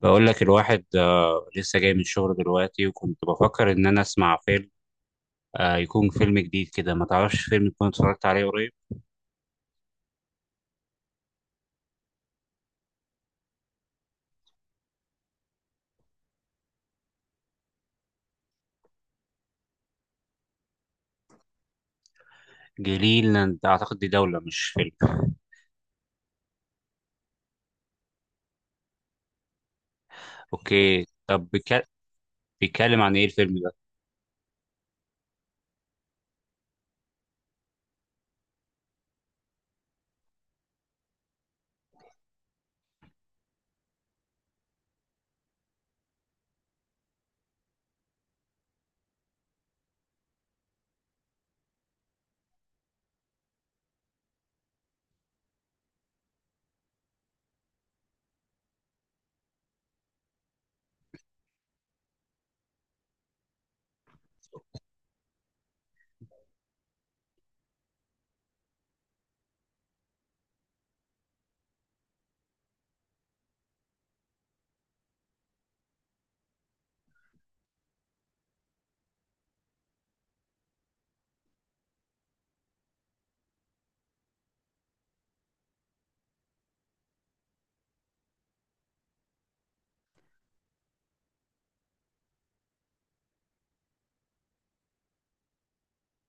بقول لك الواحد، لسه جاي من الشغل دلوقتي، وكنت بفكر ان انا اسمع فيلم، يكون فيلم جديد كده. ما تعرفش فيلم كنت اتفرجت عليه قريب؟ جليلاند اعتقد دي دولة مش فيلم. اوكي، طب بيتكلم عن ايه الفيلم ده؟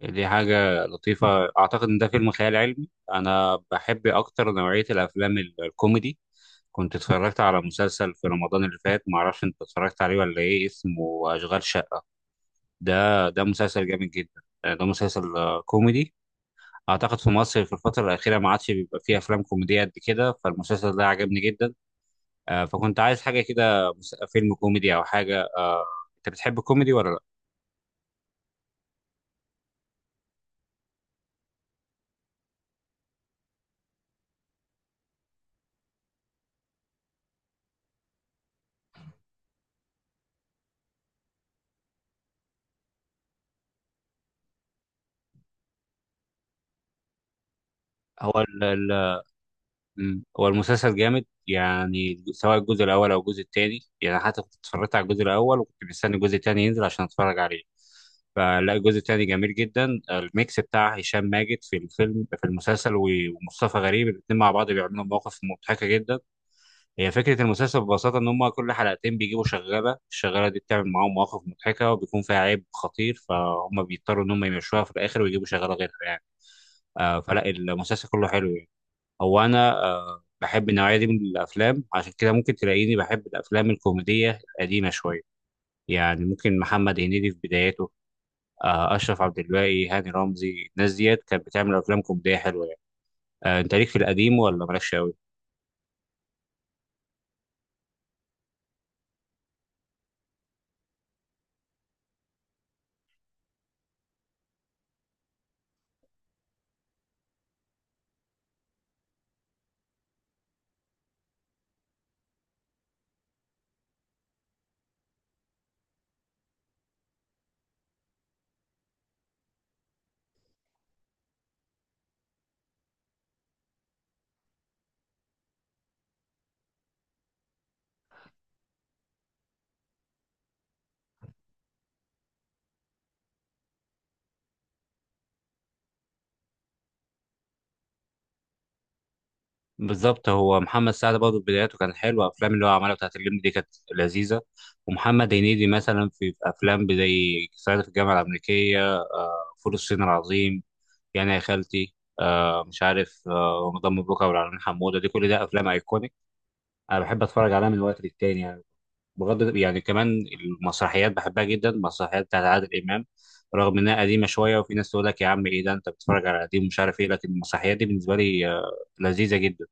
دي حاجة لطيفة. اعتقد ان ده فيلم خيال علمي. انا بحب اكتر نوعية الافلام الكوميدي. كنت اتفرجت على مسلسل في رمضان اللي فات، معرفش انت اتفرجت عليه ولا ايه، اسمه اشغال شقة. ده مسلسل جامد جدا، ده مسلسل كوميدي. اعتقد في مصر في الفتره الاخيره ما عادش بيبقى فيه افلام كوميديه قد كده، فالمسلسل ده عجبني جدا. فكنت عايز حاجه كده، فيلم كوميدي او حاجه. انت بتحب الكوميدي ولا لا؟ هو ال ال مم. هو المسلسل جامد يعني، سواء الجزء الاول او الجزء الثاني. يعني حتى كنت اتفرجت على الجزء الاول وكنت مستني الجزء الثاني ينزل عشان اتفرج عليه. فلا، الجزء الثاني جميل جدا. الميكس بتاع هشام ماجد في الفيلم في المسلسل، ومصطفى غريب، الاثنين مع بعض بيعملوا مواقف مضحكه جدا. هي فكرة المسلسل ببساطة إن هما كل حلقتين بيجيبوا شغالة، الشغالة دي بتعمل معاهم مواقف مضحكة وبيكون فيها عيب خطير، فهم بيضطروا إن هم يمشوها في الآخر ويجيبوا شغالة غيرها يعني. آه، فلا المسلسل كله حلو يعني. هو أنا بحب النوعية دي من الأفلام، عشان كده ممكن تلاقيني بحب الأفلام الكوميدية القديمة شوية. يعني ممكن محمد هنيدي في بداياته، آه، أشرف عبد الباقي، هاني رمزي، الناس ديت كانت بتعمل أفلام كوميدية حلوة يعني. آه، أنت ليك في القديم ولا مالكش أوي؟ بالظبط، هو محمد سعد برضه بداياته كانت حلوه. افلام اللي هو عملها بتاعت اللمبي دي كانت لذيذه. ومحمد هنيدي مثلا في افلام زي صعيدي في الجامعه الامريكيه، فول الصين العظيم، يعني يا خالتي، مش عارف، رمضان مبروك، ابو العلمين حموده، دي كل ده افلام ايكونيك. انا بحب اتفرج عليها من وقت للتاني يعني. بغض يعني كمان، المسرحيات بحبها جدا، المسرحيات بتاعت عادل امام، رغم انها قديمه شويه وفي ناس تقول لك يا عم ايه ده انت بتتفرج على قديم ومش عارف ايه، لكن المسرحيات دي بالنسبه لي لذيذه جدا.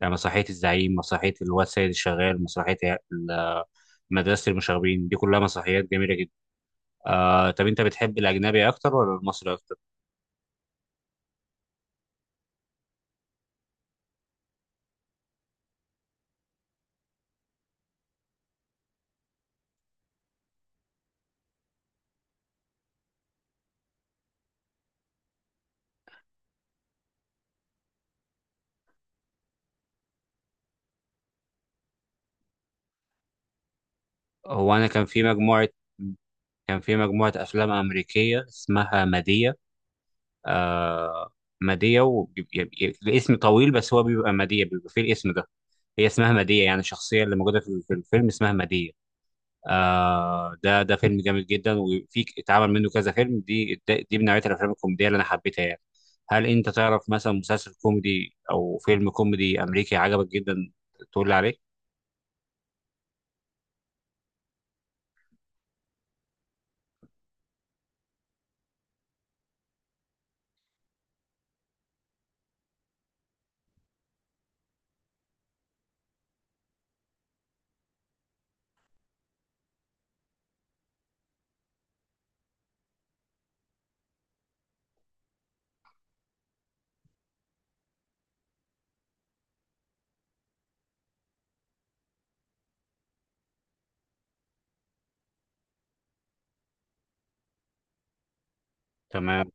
يعني مسرحية الزعيم، مسرحية الواد سيد الشغال، مسرحية ال- مدرسة المشاغبين، دي كلها مسرحيات جميلة جدا. آه، طب أنت بتحب الأجنبي أكتر ولا المصري أكتر؟ هو أنا كان في مجموعة أفلام أمريكية اسمها مادية. آه، مادية و... الاسم طويل، بس هو بيبقى مادية، بيبقى فيه الاسم ده. هي اسمها مادية يعني، الشخصية اللي موجودة في الفيلم اسمها مادية. آه، ده فيلم جامد جدا، وفي اتعمل منه كذا فيلم. دي من نوعية الافلام الكوميدية اللي انا حبيتها يعني. هل انت تعرف مثلا مسلسل كوميدي او فيلم كوميدي امريكي عجبك جدا تقول لي عليه؟ تمام.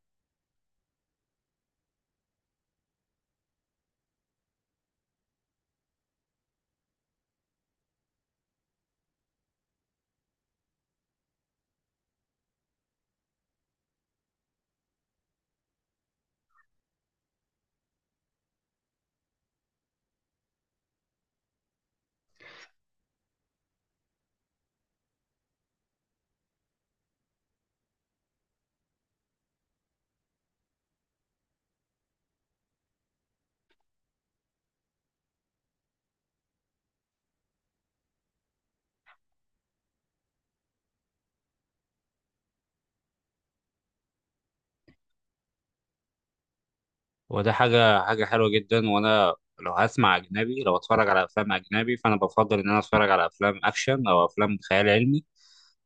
وده حاجة حلوة جدا. وانا لو هسمع اجنبي، لو اتفرج على افلام اجنبي، فانا بفضل ان انا اتفرج على افلام اكشن او افلام خيال علمي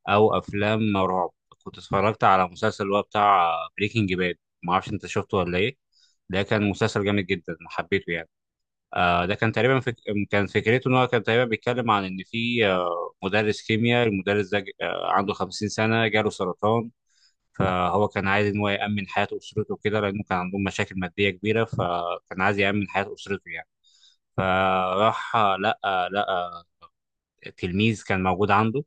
او افلام رعب. كنت اتفرجت على مسلسل اللي هو بتاع بريكنج باد، ما اعرفش انت شفته ولا ايه. ده كان مسلسل جامد جدا، حبيته يعني. ده كان تقريبا كان فكرته ان هو كان تقريبا بيتكلم عن ان في مدرس كيمياء، المدرس ده عنده 50 سنه، جاله سرطان. فهو كان عايز ان هو يامن حياه اسرته كده، لانه كان عندهم مشاكل ماديه كبيره، فكان عايز يامن حياه اسرته يعني. فراح لقى تلميذ كان موجود عنده.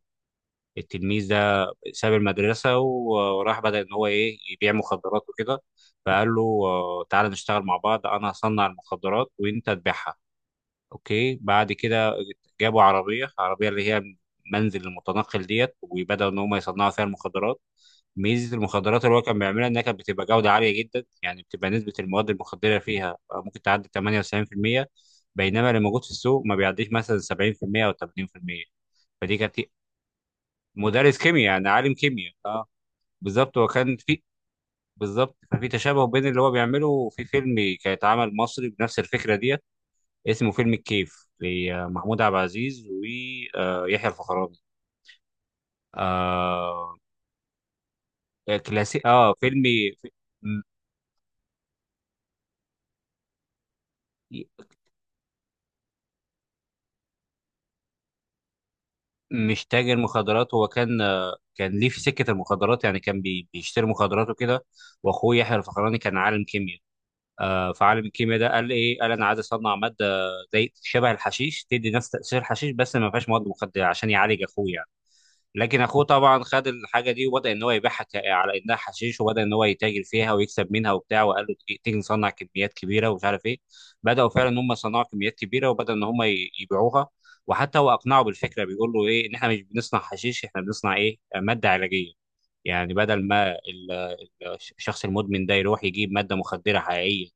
التلميذ ده ساب المدرسه وراح، بدا ان هو ايه، يبيع مخدرات وكده. فقال له تعالى نشتغل مع بعض، انا هصنع المخدرات وانت تبيعها. اوكي، بعد كده جابوا عربيه، عربيه اللي هي منزل المتنقل ديت، وبداوا ان هم يصنعوا فيها المخدرات. ميزه المخدرات اللي هو كان بيعملها انها كانت بتبقى جوده عاليه جدا، يعني بتبقى نسبه المواد المخدره فيها ممكن تعدي 98%، بينما اللي موجود في السوق ما بيعديش مثلا 70% او 80%. فدي كانت مدرس كيمياء يعني عالم كيمياء، اه. بالظبط، هو كان في بالظبط ففي تشابه بين اللي هو بيعمله، في فيلم كان اتعمل مصري بنفس الفكره دي، اسمه فيلم الكيف، لمحمود عبد العزيز ويحيى الفخراني. آه، كلاسيك، اه، فيلم. م- مش تاجر مخدرات هو، كان كان ليه في سكة المخدرات يعني، كان بيشتري مخدرات وكده. واخوه يحيى الفخراني كان عالم كيمياء. آه، فعالم الكيمياء ده قال ايه؟ قال انا عايز اصنع ماده زي شبه الحشيش، تدي نفس تاثير الحشيش بس ما فيهاش مواد مخدره، عشان يعالج اخوه يعني. لكن اخوه طبعا خد الحاجه دي وبدا ان هو يبيعها على انها حشيش، وبدا ان هو يتاجر فيها ويكسب منها وبتاع، وقال له تيجي تيجي نصنع كميات كبيره ومش عارف ايه. بداوا فعلا ان هم يصنعوا كميات كبيره، وبدا ان هم يبيعوها. وحتى هو اقنعه بالفكره، بيقول له ايه ان احنا مش بنصنع حشيش، احنا بنصنع ايه، ماده علاجيه. يعني بدل ما الشخص المدمن ده يروح يجيب ماده مخدره حقيقيه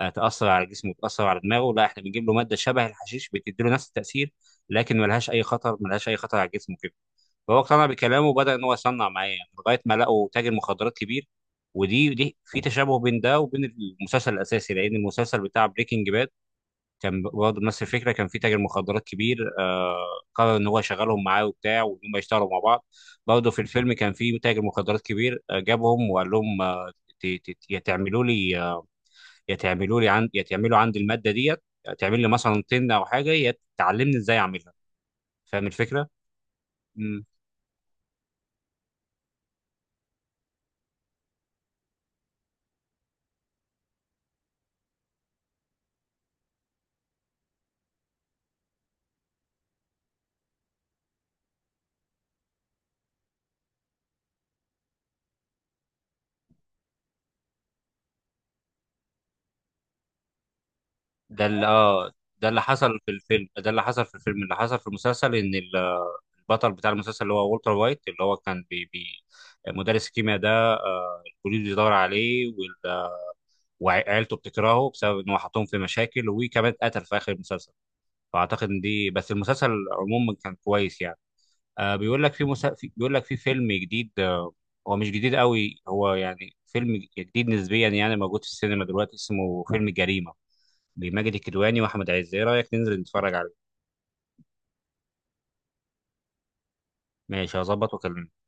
تاثر على جسمه وتاثر على دماغه، لا احنا بنجيب له ماده شبه الحشيش بتدي له نفس التاثير، لكن ملهاش اي خطر، ملهاش اي خطر على الجسم. فهو اقتنع بكلامه وبدأ إن هو يصنع معايا يعني، لغاية ما لقوا تاجر مخدرات كبير. ودي في تشابه بين ده وبين المسلسل الأساسي، لأن المسلسل بتاع بريكنج باد كان برضه نفس الفكرة، كان في تاجر مخدرات كبير، قرر إن هو يشغلهم معاه وبتاع، وإن هم يشتغلوا مع بعض. برضه في الفيلم كان في تاجر مخدرات كبير، جابهم وقال لهم، ت- يا تعملوا لي، يا تعملوا لي عند، يا تعملوا عندي المادة ديت، تعمل لي مثلا طن أو حاجة، يا تعلمني إزاي أعملها. فاهم الفكرة؟ ده اللي اه ده اللي حصل في الفيلم، اللي حصل في المسلسل ان البطل بتاع المسلسل اللي هو والتر وايت، اللي هو كان بي مدرس الكيمياء ده. البوليس بيدور عليه، وعيلته بتكرهه بسبب ان هو حطهم في مشاكل، وكمان اتقتل في اخر المسلسل. فاعتقد ان دي بس. المسلسل عموما كان كويس يعني. بيقول لك في فيلم جديد، هو مش جديد قوي، هو يعني فيلم جديد نسبيا يعني، موجود في السينما دلوقتي، اسمه فيلم جريمة، لماجد الكدواني واحمد عز. ايه رايك ننزل نتفرج عليه؟ ماشي، هظبط واكلمك.